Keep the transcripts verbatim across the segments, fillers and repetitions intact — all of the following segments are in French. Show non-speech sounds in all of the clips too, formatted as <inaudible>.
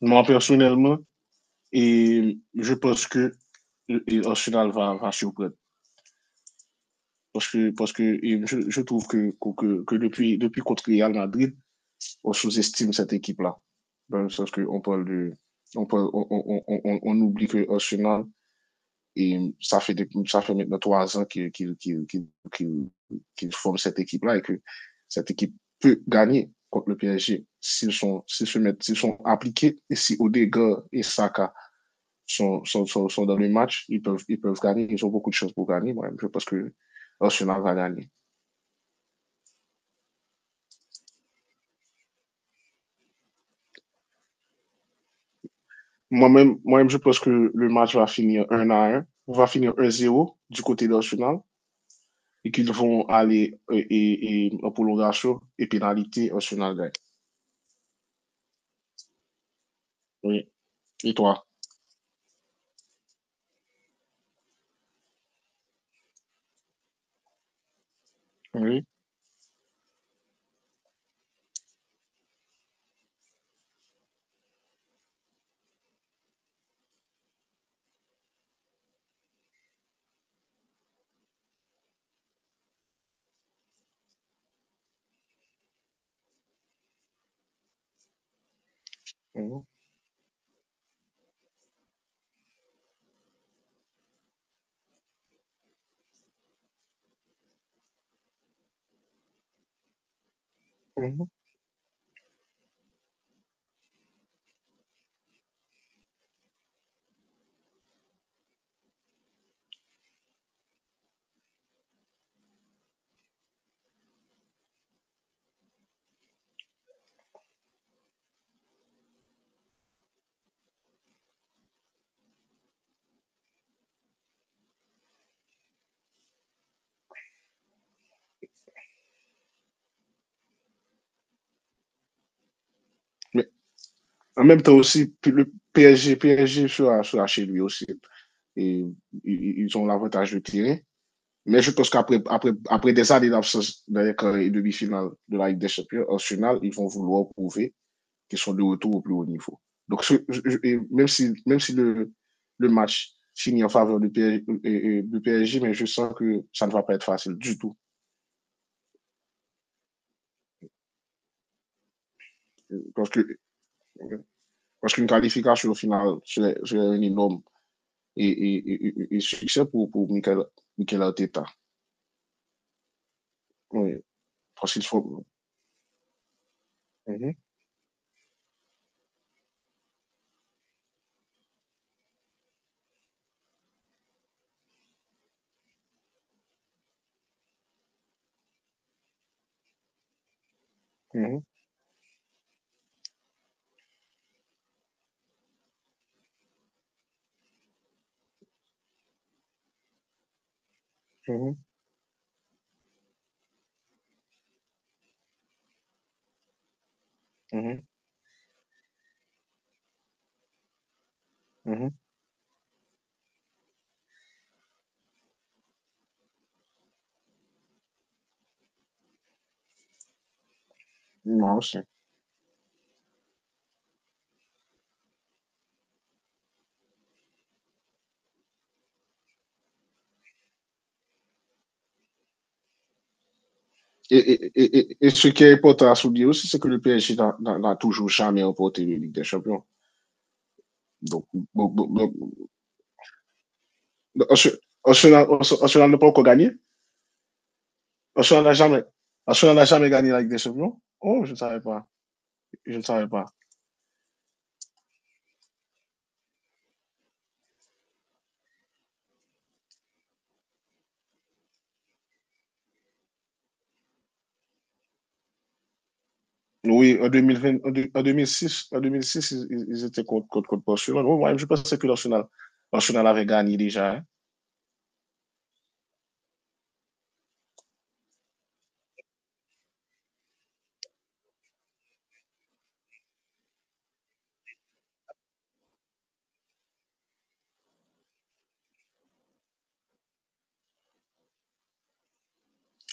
Moi, personnellement, et je pense que et Arsenal va, va surprendre. Parce que, parce que je, je, trouve que, que, que, depuis, depuis contre Real Madrid, on sous-estime cette équipe-là. Dans le sens qu'on parle de. On, parle, on, on, on, on, on oublie que Arsenal, et ça, fait de, ça fait maintenant trois ans qu'ils qu qu qu forment cette équipe-là et que cette équipe peut gagner contre le P S G s'ils sont, s'ils se mettent, s'ils sont appliqués et si Odegaard et Saka sont, sont, sont, sont dans le match, ils peuvent, ils peuvent gagner, ils ont beaucoup de chances pour gagner. Moi-même, je pense que Arsenal va gagner. Moi-même, moi-même, je pense que le match va finir un à un va finir un zéro du côté d'Arsenal et qu'ils vont aller et et, et, en prolongation et pénalité, Arsenal gagne. Oui. Et toi? Oui. Mhm. Mhm. Mais en même temps aussi, le P S G, P S G sera, sera chez lui aussi. Et, ils ils ont l'avantage de tirer. Mais je pense qu'après après, après des années d'absence dans les carrés et demi-finales de la Ligue des Champions, en finale, ils vont vouloir prouver qu'ils sont de retour au plus haut niveau. Donc, je, je, même si, même si le, le match finit en faveur du, P S G, du P S G, mais je sens que ça ne va pas être facile du tout. Parce que parce qu'une qualification au final, c'est un énorme et, et, et, et, succès pour, pour Michael, Michael Arteta. Oui, parce qu'il faut. Mm -hmm, mm -hmm, mm -hmm, non, c'est. Et, et, et, et, ce qui est important à souligner aussi, c'est que le P S G n'a toujours jamais remporté la Ligue des Champions. Donc, Arsenal n'a pas encore gagné. Arsenal n'a jamais, Arsenal jamais gagné la Ligue des Champions. Oh, je ne savais pas. Je ne savais pas. Oui, en, deux mille vingt, en deux mille six en deux mille six, ils, ils, étaient contre, contre, contre Barcelone. Oh, moi, je pensais que l'Arsenal, l'Arsenal avait gagné déjà. Hein.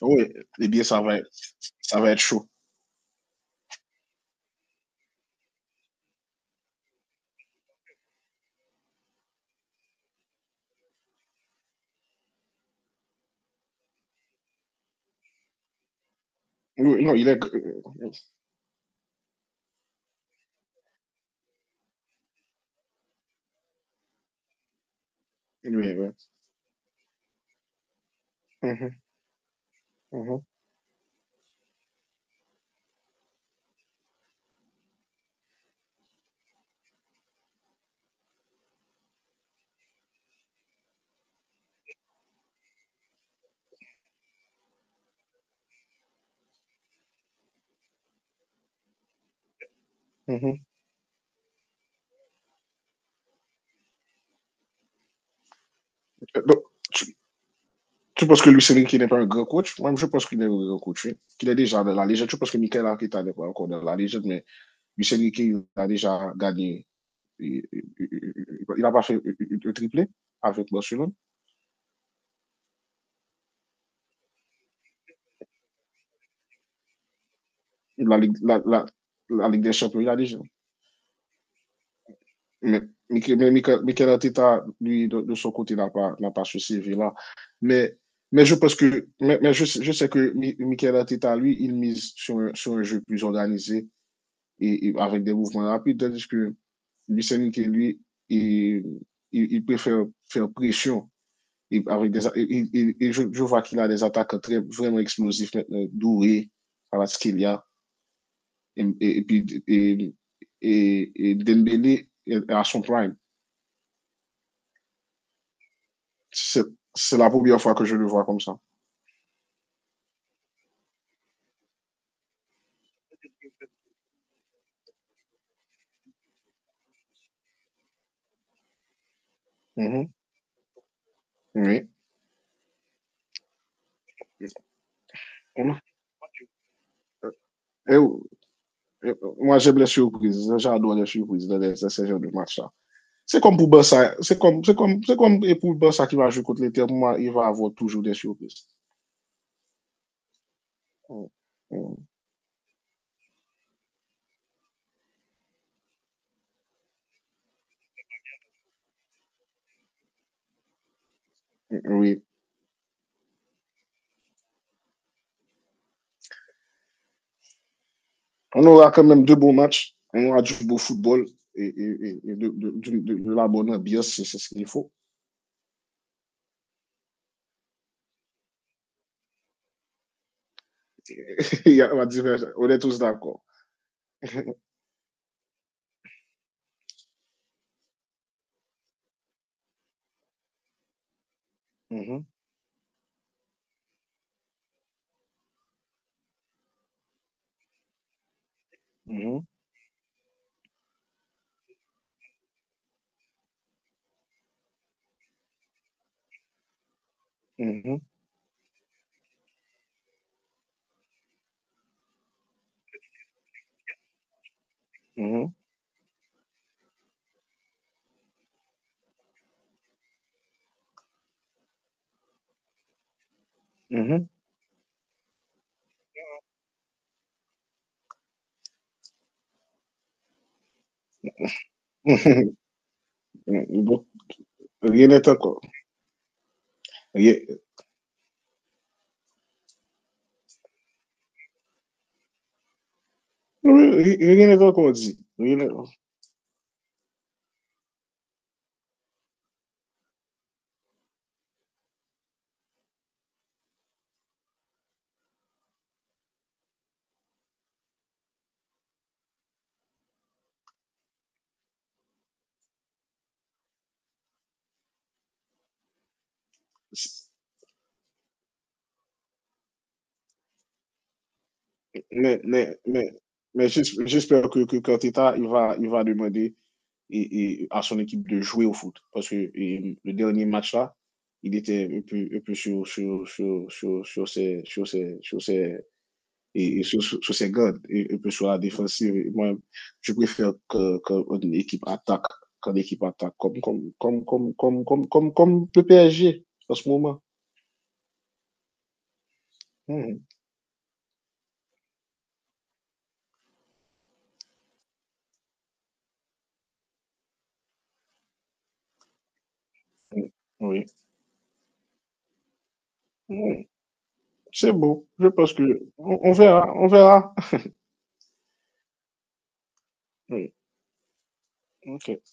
Oh, oui, eh bien, ça va, ça va être chaud. Oui, oui, non, il est. euh, Oui, oui. Mm -hmm, mm -hmm, mm -hmm. Donc, tu penses que Luis Enrique n'est pas un grand coach? Moi, je pense qu'il est un grand coach, oui. Qu'il est déjà dans la légende. Je pense que Mikel Arteta n'est pas encore dans la légende, mais Luis Enrique a déjà gagné. Il n'a pas fait le triplé avec Barcelone. La, Ligue, la, la, la Ligue des Champions, il a déjà. Mais Mikel Arteta, lui, de, de, son côté, n'a pas, n'a pas ce C V-là. Mais, mais je pense que, mais, mais je, je, sais que Mikel Arteta, lui, il mise sur, sur un jeu plus organisé et, et avec des mouvements rapides, tandis que Lucien, qui lui, il, il, il préfère faire pression. Et, avec des, et, et, et je, je, vois qu'il a des attaques très, vraiment explosives, douées, à ce qu'il y a. Et, puis, et, et et, et Dembélé à son prime. C'est la première fois que je le vois comme ça. Mm -hmm. Oui. Et, et, moi, j'aime les surprises. J'adore les surprises dans ces genres de matchs-là. C'est comme pour Barça. C'est comme, c'est comme, c'est comme et pour Barça qui va jouer contre l'Inter. Moi, il va avoir toujours des surprises. Euh, Oui. On aura quand même deux beaux matchs. On aura du beau football et, et- et- de, de- de- de- la bonne ambiance, c'est ce qu'il faut. <laughs> Il y a- on va dire, on est tous d'accord. Mhm, mhm, mhm, mhm, mhm. <laughs> Bon, rien n'est encore. Rien oui, rien n'est encore dit. Rien n'est- Mais, mais, mais, mais j'espère que, que Arteta, il va, il va demander et, et à son équipe de jouer au foot. Parce que et, le dernier match-là, il était un peu, un peu sur, sur, sur, sur, sur ses, sur ses, sur ses, et, et sur, sur ses gardes, et un peu sur la défensive. Et moi, je préfère que, que une équipe attaque, qu'une équipe attaque, comme, comme, comme, comme, comme, comme, comme, comme le P S G en ce moment. Mmh, mmh, oui, mmh, c'est beau. Je pense que on, on verra, on verra. Oui, ok.